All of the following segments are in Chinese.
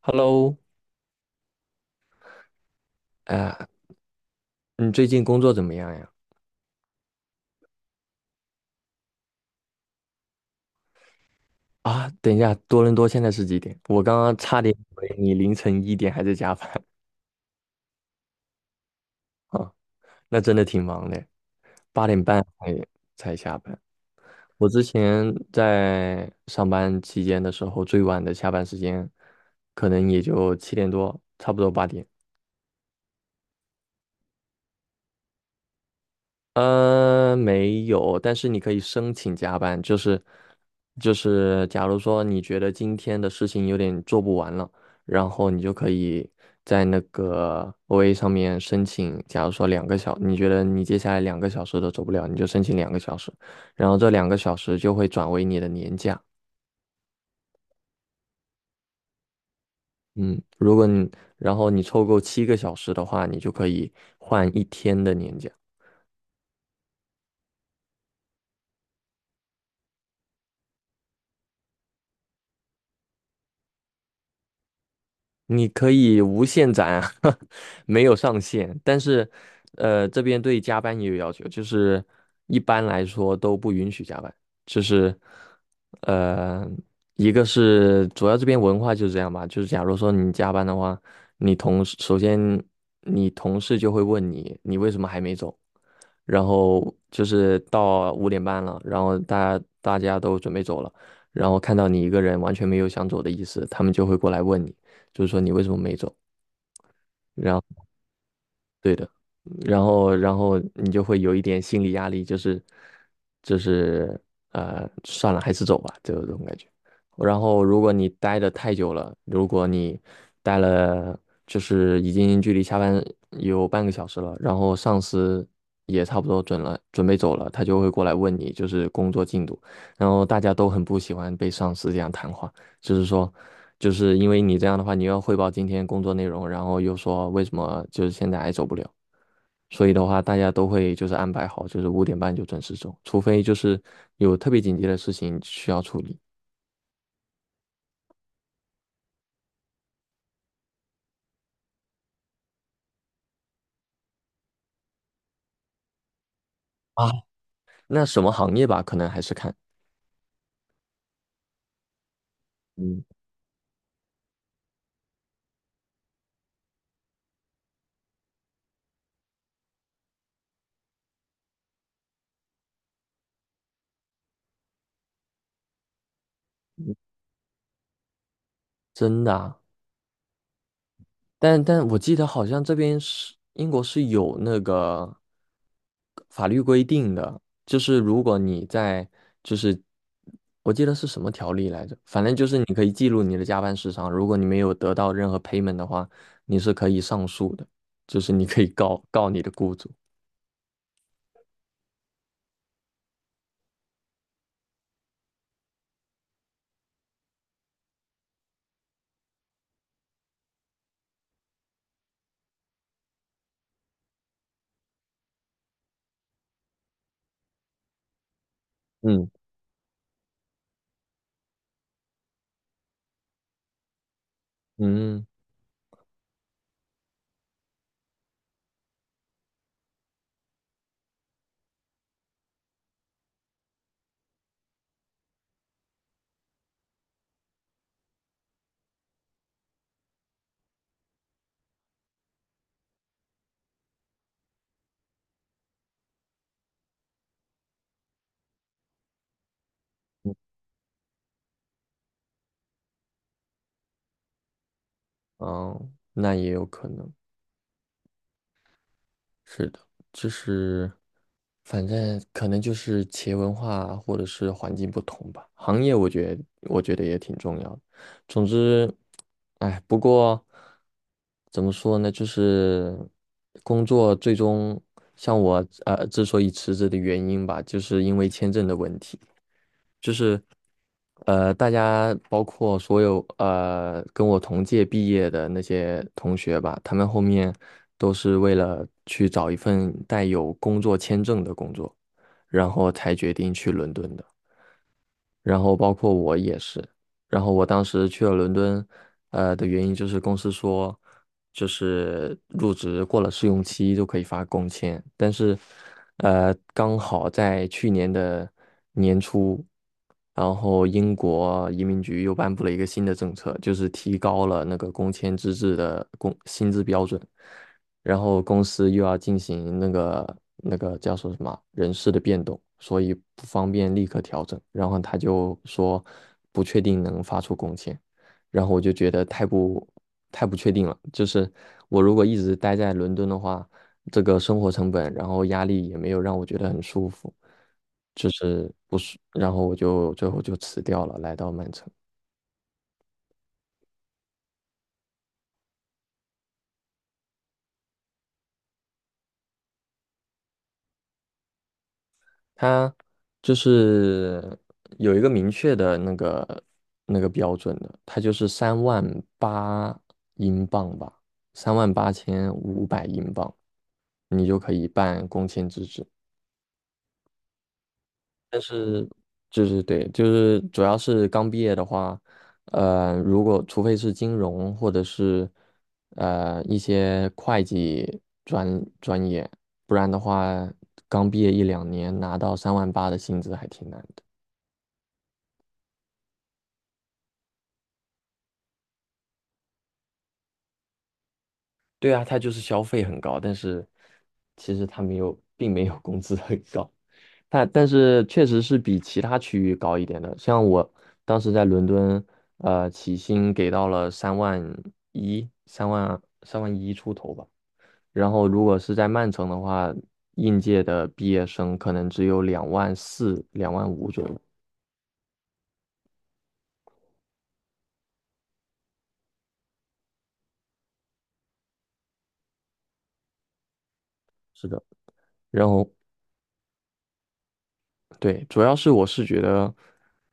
Hello，啊、你最近工作怎么样呀？啊，等一下，多伦多现在是几点？我刚刚差点以为你凌晨一点还在加班。 啊，那真的挺忙的，8点半才下班。我之前在上班期间的时候，最晚的下班时间可能也就7点多，差不多八点。没有，但是你可以申请加班，就是假如说你觉得今天的事情有点做不完了，然后你就可以在那个 OA 上面申请，假如说两个小，你觉得你接下来两个小时都走不了，你就申请两个小时，然后这两个小时就会转为你的年假。嗯，如果你，然后你凑够7个小时的话，你就可以换一天的年假。你可以无限攒啊，没有上限。但是，这边对加班也有要求，就是一般来说都不允许加班。就是，呃，一个是主要这边文化就是这样吧，就是假如说你加班的话，你同事首先你同事就会问你，你为什么还没走？然后就是到五点半了，然后大家都准备走了，然后看到你一个人完全没有想走的意思，他们就会过来问你。就是说你为什么没走？然后对的，然后你就会有一点心理压力，就是算了，还是走吧，就这种感觉。然后如果你待的太久了，如果你待了就是已经距离下班有半个小时了，然后上司也差不多准备走了，他就会过来问你就是工作进度，然后大家都很不喜欢被上司这样谈话。就是说，就是因为你这样的话，你又要汇报今天工作内容，然后又说为什么就是现在还走不了，所以的话，大家都会就是安排好，就是五点半就准时走，除非就是有特别紧急的事情需要处理。啊，那什么行业吧，可能还是看，嗯，真的啊。但我记得好像这边是英国是有那个法律规定的，就是如果你在就是我记得是什么条例来着，反正就是你可以记录你的加班时长，如果你没有得到任何 payment 的话，你是可以上诉的，就是你可以告你的雇主。嗯嗯，哦，那也有可能。是的，就是，反正可能就是企业文化或者是环境不同吧。行业我觉得也挺重要的。总之，哎，不过怎么说呢，就是工作最终像我之所以辞职的原因吧，就是因为签证的问题。就是大家包括所有跟我同届毕业的那些同学吧，他们后面都是为了去找一份带有工作签证的工作，然后才决定去伦敦的。然后包括我也是。然后我当时去了伦敦，的原因就是公司说，就是入职过了试用期就可以发工签，但是，刚好在去年的年初，然后英国移民局又颁布了一个新的政策，就是提高了那个工签资质的工薪资标准。然后公司又要进行那个叫说什么人事的变动，所以不方便立刻调整。然后他就说不确定能发出工签，然后我就觉得太不确定了。就是我如果一直待在伦敦的话，这个生活成本，然后压力也没有让我觉得很舒服，就是不舒。然后我就最后就辞掉了，来到曼城。它就是有一个明确的那个标准的，它就是三万八英镑吧，三万八千五百英镑，你就可以办工签资质。但是就是对，就是主要是刚毕业的话，如果除非是金融或者是一些会计专业，不然的话，刚毕业一两年拿到三万八的薪资还挺难的。对啊，他就是消费很高，但是其实他没有，并没有工资很高。但是确实是比其他区域高一点的。像我当时在伦敦，起薪给到了三万一，三万一出头吧。然后如果是在曼城的话，应届的毕业生可能只有两万四、两万五左右。是的，然后对，主要是我是觉得，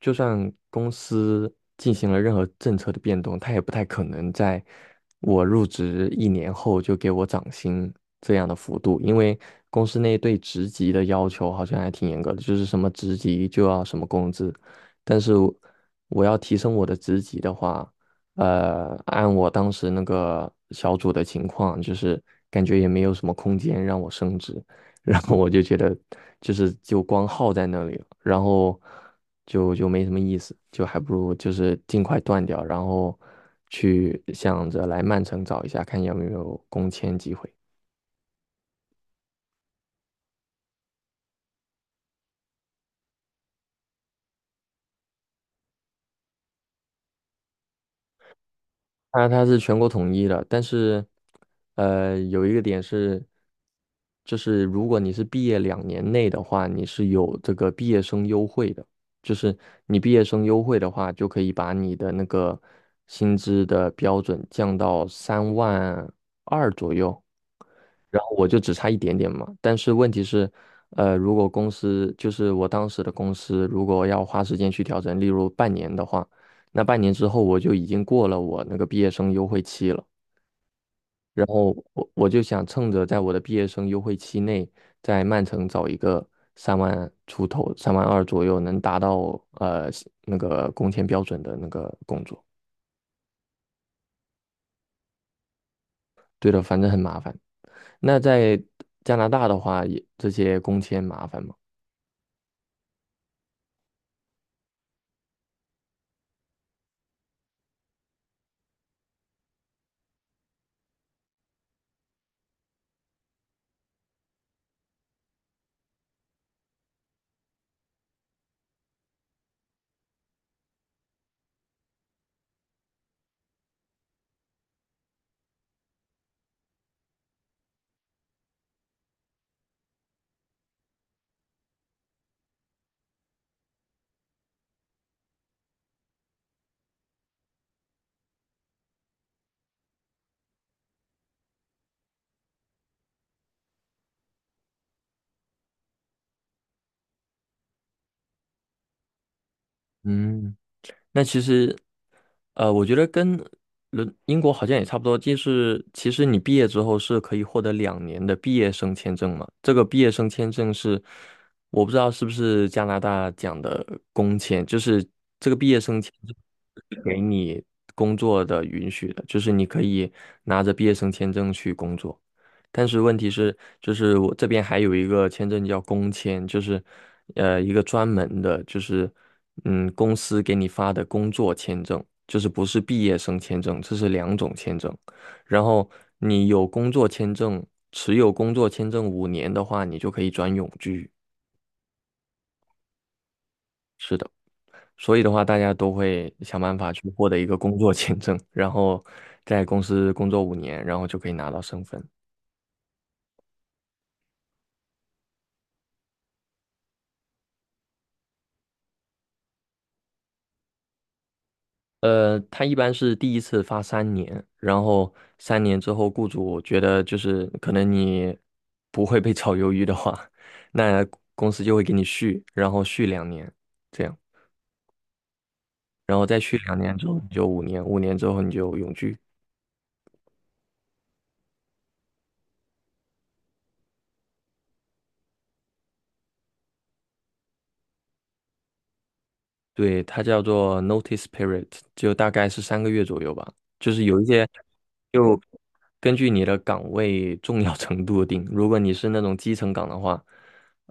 就算公司进行了任何政策的变动，他也不太可能在我入职一年后就给我涨薪这样的幅度，因为公司内对职级的要求好像还挺严格的，就是什么职级就要什么工资。但是我要提升我的职级的话，按我当时那个小组的情况，就是感觉也没有什么空间让我升职。然后我就觉得就是就光耗在那里了，然后就没什么意思，就还不如就是尽快断掉，然后去想着来曼城找一下，看有没有工签机会。它是全国统一的，但是，有一个点是，就是如果你是毕业两年内的话，你是有这个毕业生优惠的，就是你毕业生优惠的话，就可以把你的那个薪资的标准降到三万二左右。然后我就只差一点点嘛。但是问题是，如果公司就是我当时的公司，如果要花时间去调整，例如半年的话，那半年之后我就已经过了我那个毕业生优惠期了，然后我就想趁着在我的毕业生优惠期内，在曼城找一个三万出头、三万二左右能达到呃那个工签标准的那个工作。对的，反正很麻烦。那在加拿大的话，也这些工签麻烦吗？嗯。那其实，我觉得跟英国好像也差不多，就是其实你毕业之后是可以获得两年的毕业生签证嘛。这个毕业生签证是我不知道是不是加拿大讲的工签，就是这个毕业生签给你工作的允许的，就是你可以拿着毕业生签证去工作。但是问题是，就是我这边还有一个签证叫工签，就是一个专门的，就是公司给你发的工作签证，就是不是毕业生签证，这是两种签证。然后你有工作签证，持有工作签证五年的话，你就可以转永居；所以的话，大家都会想办法去获得一个工作签证，然后在公司工作五年，然后就可以拿到身份。他一般是第一次发三年，然后三年之后，雇主觉得就是可能你不会被炒鱿鱼的话，那公司就会给你续，然后续两年，这样，然后再续两年之后你就五年，五年之后你就永居。对，它叫做 notice period，就大概是三个月左右吧。就是有一些，就根据你的岗位重要程度定。如果你是那种基层岗的话，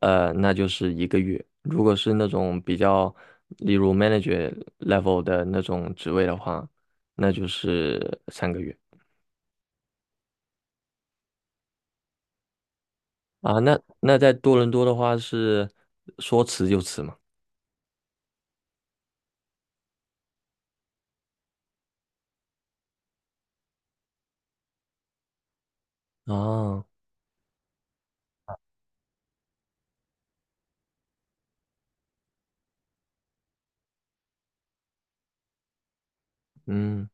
那就是1个月；如果是那种比较，例如 manager level 的那种职位的话，那就是三个月啊。那在多伦多的话是说辞就辞嘛。啊，嗯，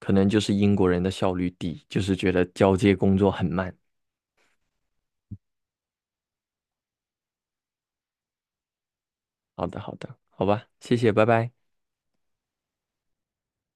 可能就是英国人的效率低，就是觉得交接工作很慢。好的，好的，好吧，谢谢，拜拜。